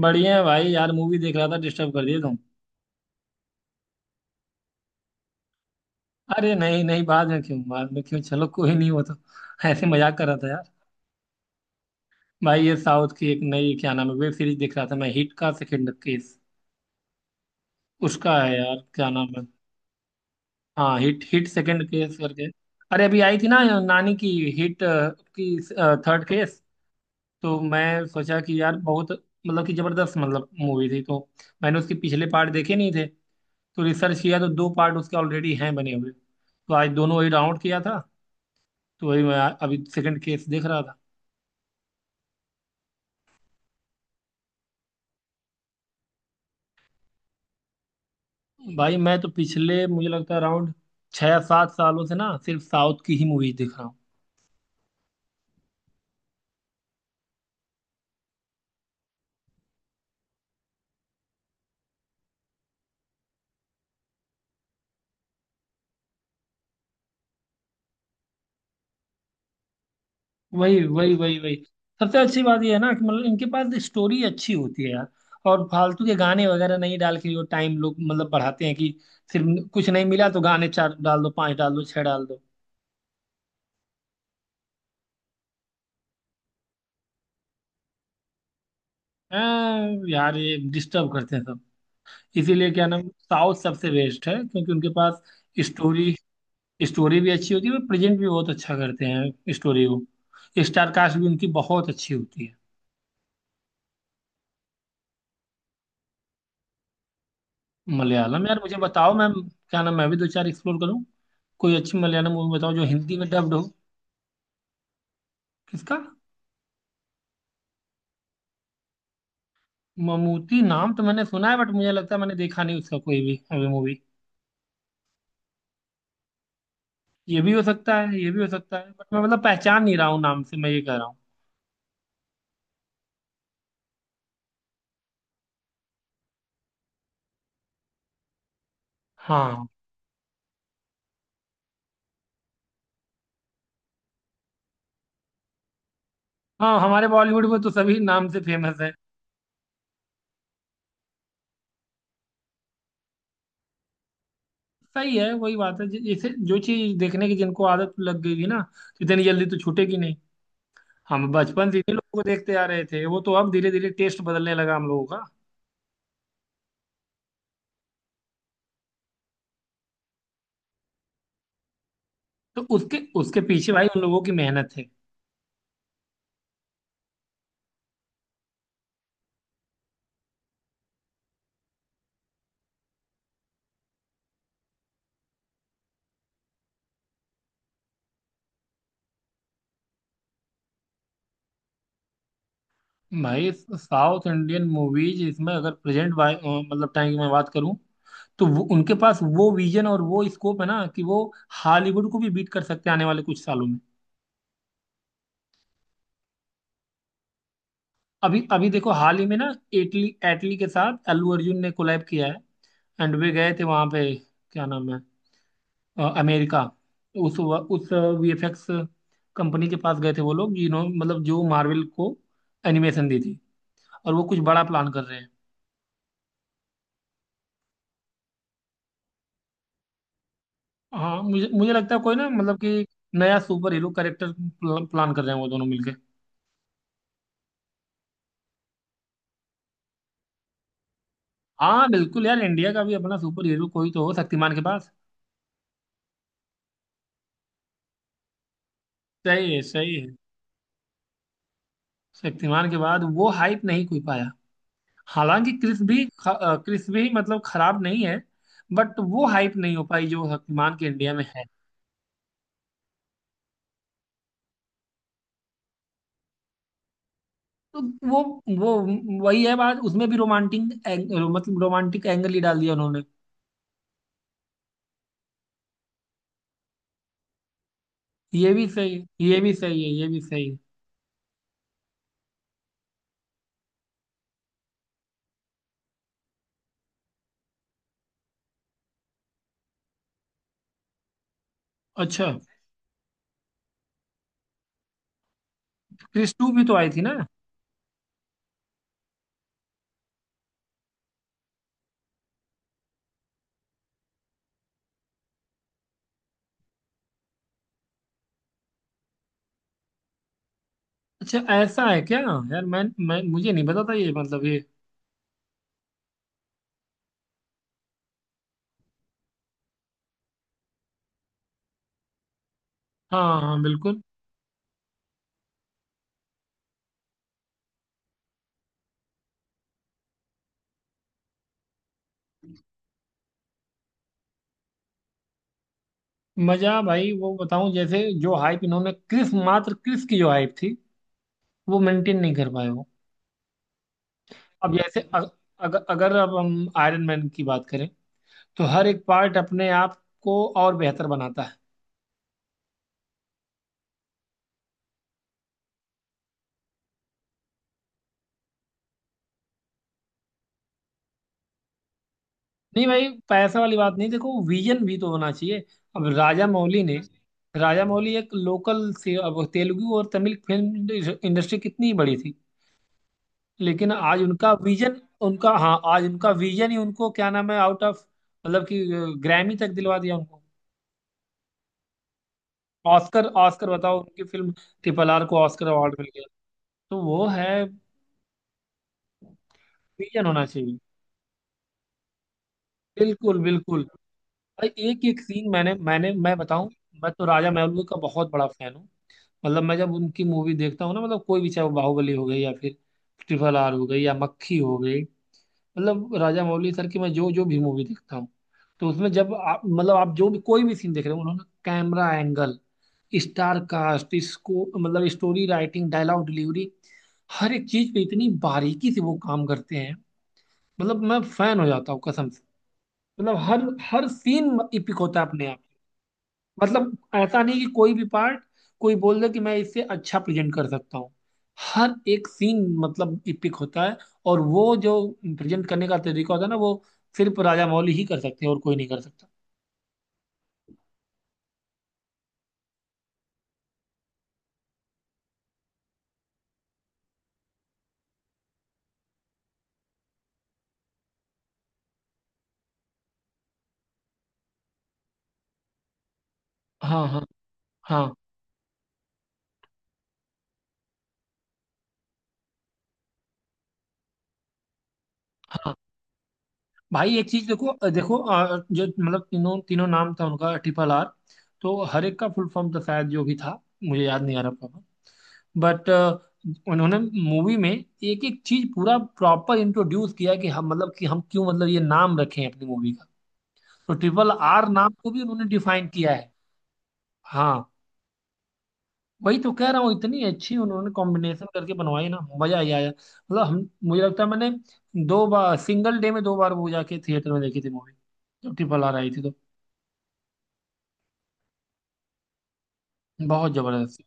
बढ़िया है भाई। यार मूवी देख रहा था, डिस्टर्ब कर दिया तुम। अरे नहीं नहीं, बाद में क्यों? बाद में क्यों? चलो, कोई नहीं, वो तो ऐसे मजाक कर रहा था यार। भाई, ये साउथ की एक नई, क्या नाम है, वेब सीरीज देख रहा था मैं, हिट का सेकंड केस उसका है यार, क्या नाम है? हाँ, हिट हिट सेकंड केस करके। अरे अभी आई थी ना नानी की हिट की थर्ड केस। तो मैं सोचा कि यार बहुत मतलब कि जबरदस्त मतलब मूवी थी, तो मैंने उसके पिछले पार्ट देखे नहीं थे। तो रिसर्च किया तो दो पार्ट उसके ऑलरेडी हैं बने हुए। तो आज दोनों ही डाउनलोड किया था। तो वही मैं अभी सेकंड केस देख रहा था। भाई मैं तो पिछले, मुझे लगता है अराउंड 6 या 7 सालों से ना सिर्फ साउथ की ही मूवीज देख रहा हूँ। वही वही वही वही। सबसे अच्छी बात यह है ना कि मतलब इनके पास स्टोरी अच्छी होती है यार। और फालतू के गाने वगैरह नहीं डाल के वो टाइम लोग मतलब बढ़ाते हैं कि सिर्फ कुछ नहीं मिला तो गाने चार डाल दो, पांच डाल दो, छह डाल दो। हाँ, यार ये डिस्टर्ब करते हैं सब। इसीलिए क्या नाम, साउथ सबसे बेस्ट है क्योंकि उनके पास स्टोरी, स्टोरी भी अच्छी होती है और प्रेजेंट भी बहुत अच्छा करते हैं स्टोरी को। स्टार कास्ट भी उनकी बहुत अच्छी होती है। मलयालम, यार मुझे बताओ, मैं क्या नाम, मैं भी दो चार एक्सप्लोर करूँ, कोई अच्छी मलयालम मूवी बताओ जो हिंदी में डब्ड हो। किसका? ममूटी नाम तो मैंने सुना है बट मुझे लगता है मैंने देखा नहीं उसका कोई भी अभी मूवी। ये भी हो सकता है, ये भी हो सकता है, बट मैं मतलब पहचान नहीं रहा हूँ नाम से, मैं ये कह रहा हूँ। हाँ हाँ, हमारे बॉलीवुड में तो सभी नाम से फेमस है। सही है, वही बात है, जैसे जो चीज देखने की जिनको आदत लग गई थी ना, तो इतनी जल्दी तो छूटेगी नहीं। हम बचपन से इन्हीं लोगों को देखते आ रहे थे, वो तो अब धीरे धीरे टेस्ट बदलने लगा हम लोगों का। तो उसके उसके पीछे भाई उन लोगों की मेहनत है। भाई साउथ इंडियन मूवीज इसमें, अगर प्रेजेंट भाई मतलब टाइम की मैं बात करूं, तो वो उनके पास वो विजन और वो स्कोप है ना कि वो हॉलीवुड को भी बीट कर सकते हैं आने वाले कुछ सालों में। अभी अभी देखो हाल ही में ना, एटली, एटली के साथ अल्लू अर्जुन ने कोलैब किया है। एंड वे गए थे वहां पे, क्या नाम है, अमेरिका। तो उस वीएफएक्स कंपनी के पास गए थे वो लोग जिन्होंने मतलब जो मार्वल को एनिमेशन दी थी। और वो कुछ बड़ा प्लान कर रहे हैं। हाँ, मुझे मुझे लगता है कोई ना मतलब कि नया सुपर हीरो कैरेक्टर प्लान कर रहे हैं वो दोनों मिलके। हाँ बिल्कुल यार, इंडिया का भी अपना सुपर हीरो कोई तो हो, शक्तिमान के पास। सही है, सही है। शक्तिमान के बाद वो हाइप नहीं कोई पाया। हालांकि क्रिस भी मतलब खराब नहीं है, बट वो हाइप नहीं हो पाई जो शक्तिमान के इंडिया में है। तो वो वो वही है बात, उसमें भी मतलब रोमांटिक एंगल ही डाल दिया उन्होंने। ये भी सही है, ये भी सही है, ये भी सही है। अच्छा, क्रिश टू भी तो आई थी ना? अच्छा, ऐसा है क्या यार? मैं मुझे नहीं पता था ये, मतलब ये। हाँ हाँ बिल्कुल। मजा भाई वो बताऊं, जैसे जो हाइप इन्होंने क्रिस मात्र, क्रिस की जो हाइप थी, वो मेंटेन नहीं कर पाए वो। अब जैसे अग, अगर अगर अब हम आयरन मैन की बात करें, तो हर एक पार्ट अपने आप को और बेहतर बनाता है। नहीं भाई, पैसा वाली बात नहीं, देखो विजन भी तो होना चाहिए। अब राजा मौली ने, राजा मौली एक लोकल से, अब तेलुगु और तमिल फिल्म इंडस्ट्री कितनी बड़ी थी, लेकिन आज उनका विजन, उनका, हाँ, आज उनका विजन ही उनको, क्या नाम है, आउट ऑफ, मतलब कि, ग्रैमी तक दिलवा दिया उनको। ऑस्कर, ऑस्कर बताओ, उनकी फिल्म ट्रिपल आर को ऑस्कर अवार्ड मिल गया। तो वो है। विजन होना चाहिए, बिल्कुल बिल्कुल। भाई एक एक सीन मैंने मैंने मैं बताऊं, मैं तो राजा मौली का बहुत बड़ा फैन हूँ। मतलब मैं जब उनकी मूवी देखता हूँ ना, मतलब कोई भी, चाहे वो बाहुबली हो गई या फिर ट्रिपल आर हो गई या मक्खी हो गई, मतलब राजा मौली सर की मैं जो जो भी मूवी देखता हूँ, तो उसमें जब आप, मतलब आप जो भी कोई भी सीन देख रहे हो, उन्होंने कैमरा एंगल, स्टार कास्ट, इसको मतलब स्टोरी राइटिंग, डायलॉग डिलीवरी, हर एक चीज पे इतनी बारीकी से वो काम करते हैं। मतलब मैं फैन हो जाता हूँ कसम से। मतलब हर हर सीन इपिक होता है अपने आप। मतलब ऐसा नहीं कि कोई भी पार्ट कोई बोल दे कि मैं इससे अच्छा प्रेजेंट कर सकता हूँ। हर एक सीन मतलब इपिक होता है। और वो जो प्रेजेंट करने का तरीका होता है ना, वो सिर्फ राजा मौली ही कर सकते हैं, और कोई नहीं कर सकता। हाँ हाँ हाँ हाँ। भाई एक चीज देखो, जो मतलब तीनों तीनों नाम था उनका ट्रिपल आर, तो हर एक का फुल फॉर्म था शायद जो भी था, मुझे याद नहीं आ रहा प्रॉपर, बट उन्होंने मूवी में एक एक चीज पूरा प्रॉपर इंट्रोड्यूस किया कि हम, मतलब कि हम क्यों मतलब ये नाम रखे हैं अपनी मूवी का। तो ट्रिपल आर नाम को भी उन्होंने डिफाइन किया है। हाँ वही तो कह रहा हूँ, इतनी अच्छी उन्होंने कॉम्बिनेशन करके बनवाई ना, मजा ही आया, मतलब हम, मुझे लगता है मैंने दो बार, सिंगल डे में दो बार वो जाके थिएटर में देखी थी मूवी जब ट्रिपल आर आई थी तो। बहुत जबरदस्त।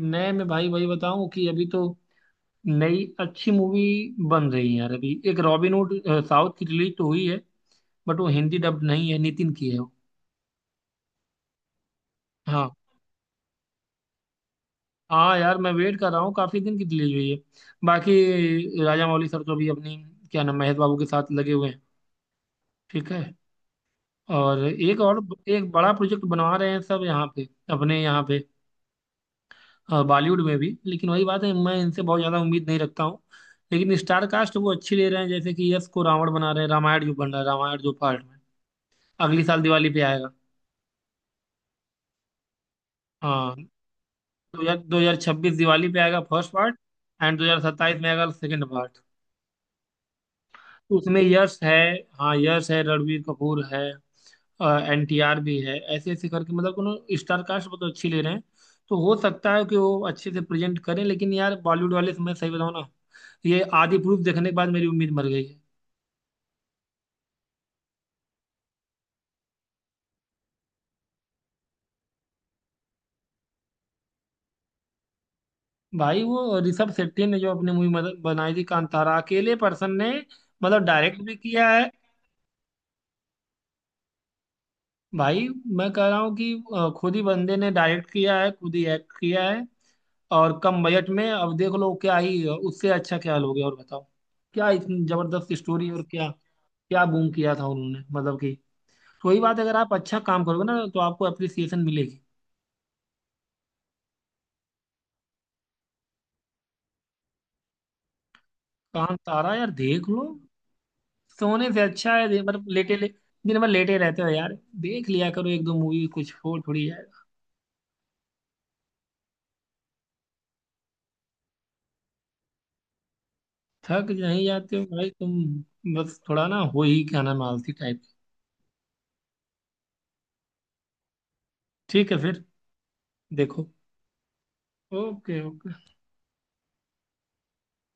नए में भाई वही बताऊं कि अभी तो नई अच्छी मूवी बन रही है यार, अभी एक रॉबिन हुड साउथ की रिलीज तो हुई है, बट वो हिंदी डब नहीं है, नितिन की है वो। हाँ हाँ यार मैं वेट कर रहा हूँ, काफी दिन की रिलीज हुई है। बाकी राजा मौली सर तो अभी अपनी, क्या नाम, महेश बाबू के साथ लगे हुए हैं। ठीक है। और एक बड़ा प्रोजेक्ट बनवा रहे हैं सब यहाँ पे, अपने यहाँ पे बॉलीवुड में भी, लेकिन वही बात है, मैं इनसे बहुत ज़्यादा उम्मीद नहीं रखता हूँ। लेकिन स्टार कास्ट वो अच्छी ले रहे हैं, जैसे कि यश को रावण बना रहे हैं, रामायण जो बन रहा है, रामायण जो पार्ट में अगली साल दिवाली पे आएगा। हाँ, 2026 दिवाली पे आएगा फर्स्ट पार्ट। एंड 2027 में आएगा सेकेंड पार्ट। उसमें यश है। हाँ यश है, रणवीर कपूर है, एनटीआर भी है, ऐसे ऐसे करके मतलब उन्होंने स्टार कास्ट बहुत अच्छी ले रहे हैं। तो हो सकता है कि वो अच्छे से प्रेजेंट करें, लेकिन यार बॉलीवुड वाले से, मैं सही बताऊँ ना, ये आदि पुरुष देखने के बाद मेरी उम्मीद मर गई है। भाई वो ऋषभ शेट्टी ने जो अपनी मूवी बनाई थी कांतारा, अकेले पर्सन ने, मतलब डायरेक्ट भी किया है। भाई मैं कह रहा हूँ कि खुद ही बंदे ने डायरेक्ट किया है, खुद ही एक्ट किया है। और कम बजट में, अब देख लो क्या ही उससे अच्छा, क्या लोगे और बताओ? क्या इतनी जबरदस्त स्टोरी, और क्या क्या बूम किया था उन्होंने, मतलब कि, कोई बात, अगर आप अच्छा काम करोगे ना तो आपको अप्रिसिएशन मिलेगी। काम सारा यार देख लो, सोने से अच्छा है मतलब लेटे ले। दिन भर लेटे रहते हो यार, देख लिया करो एक दो मूवी कुछ, हो थोड़ी यार, थक नहीं जाते हो भाई तुम? बस थोड़ा ना हो ही, क्या नाम, आलसी टाइप। ठीक है फिर, देखो। Okay okay.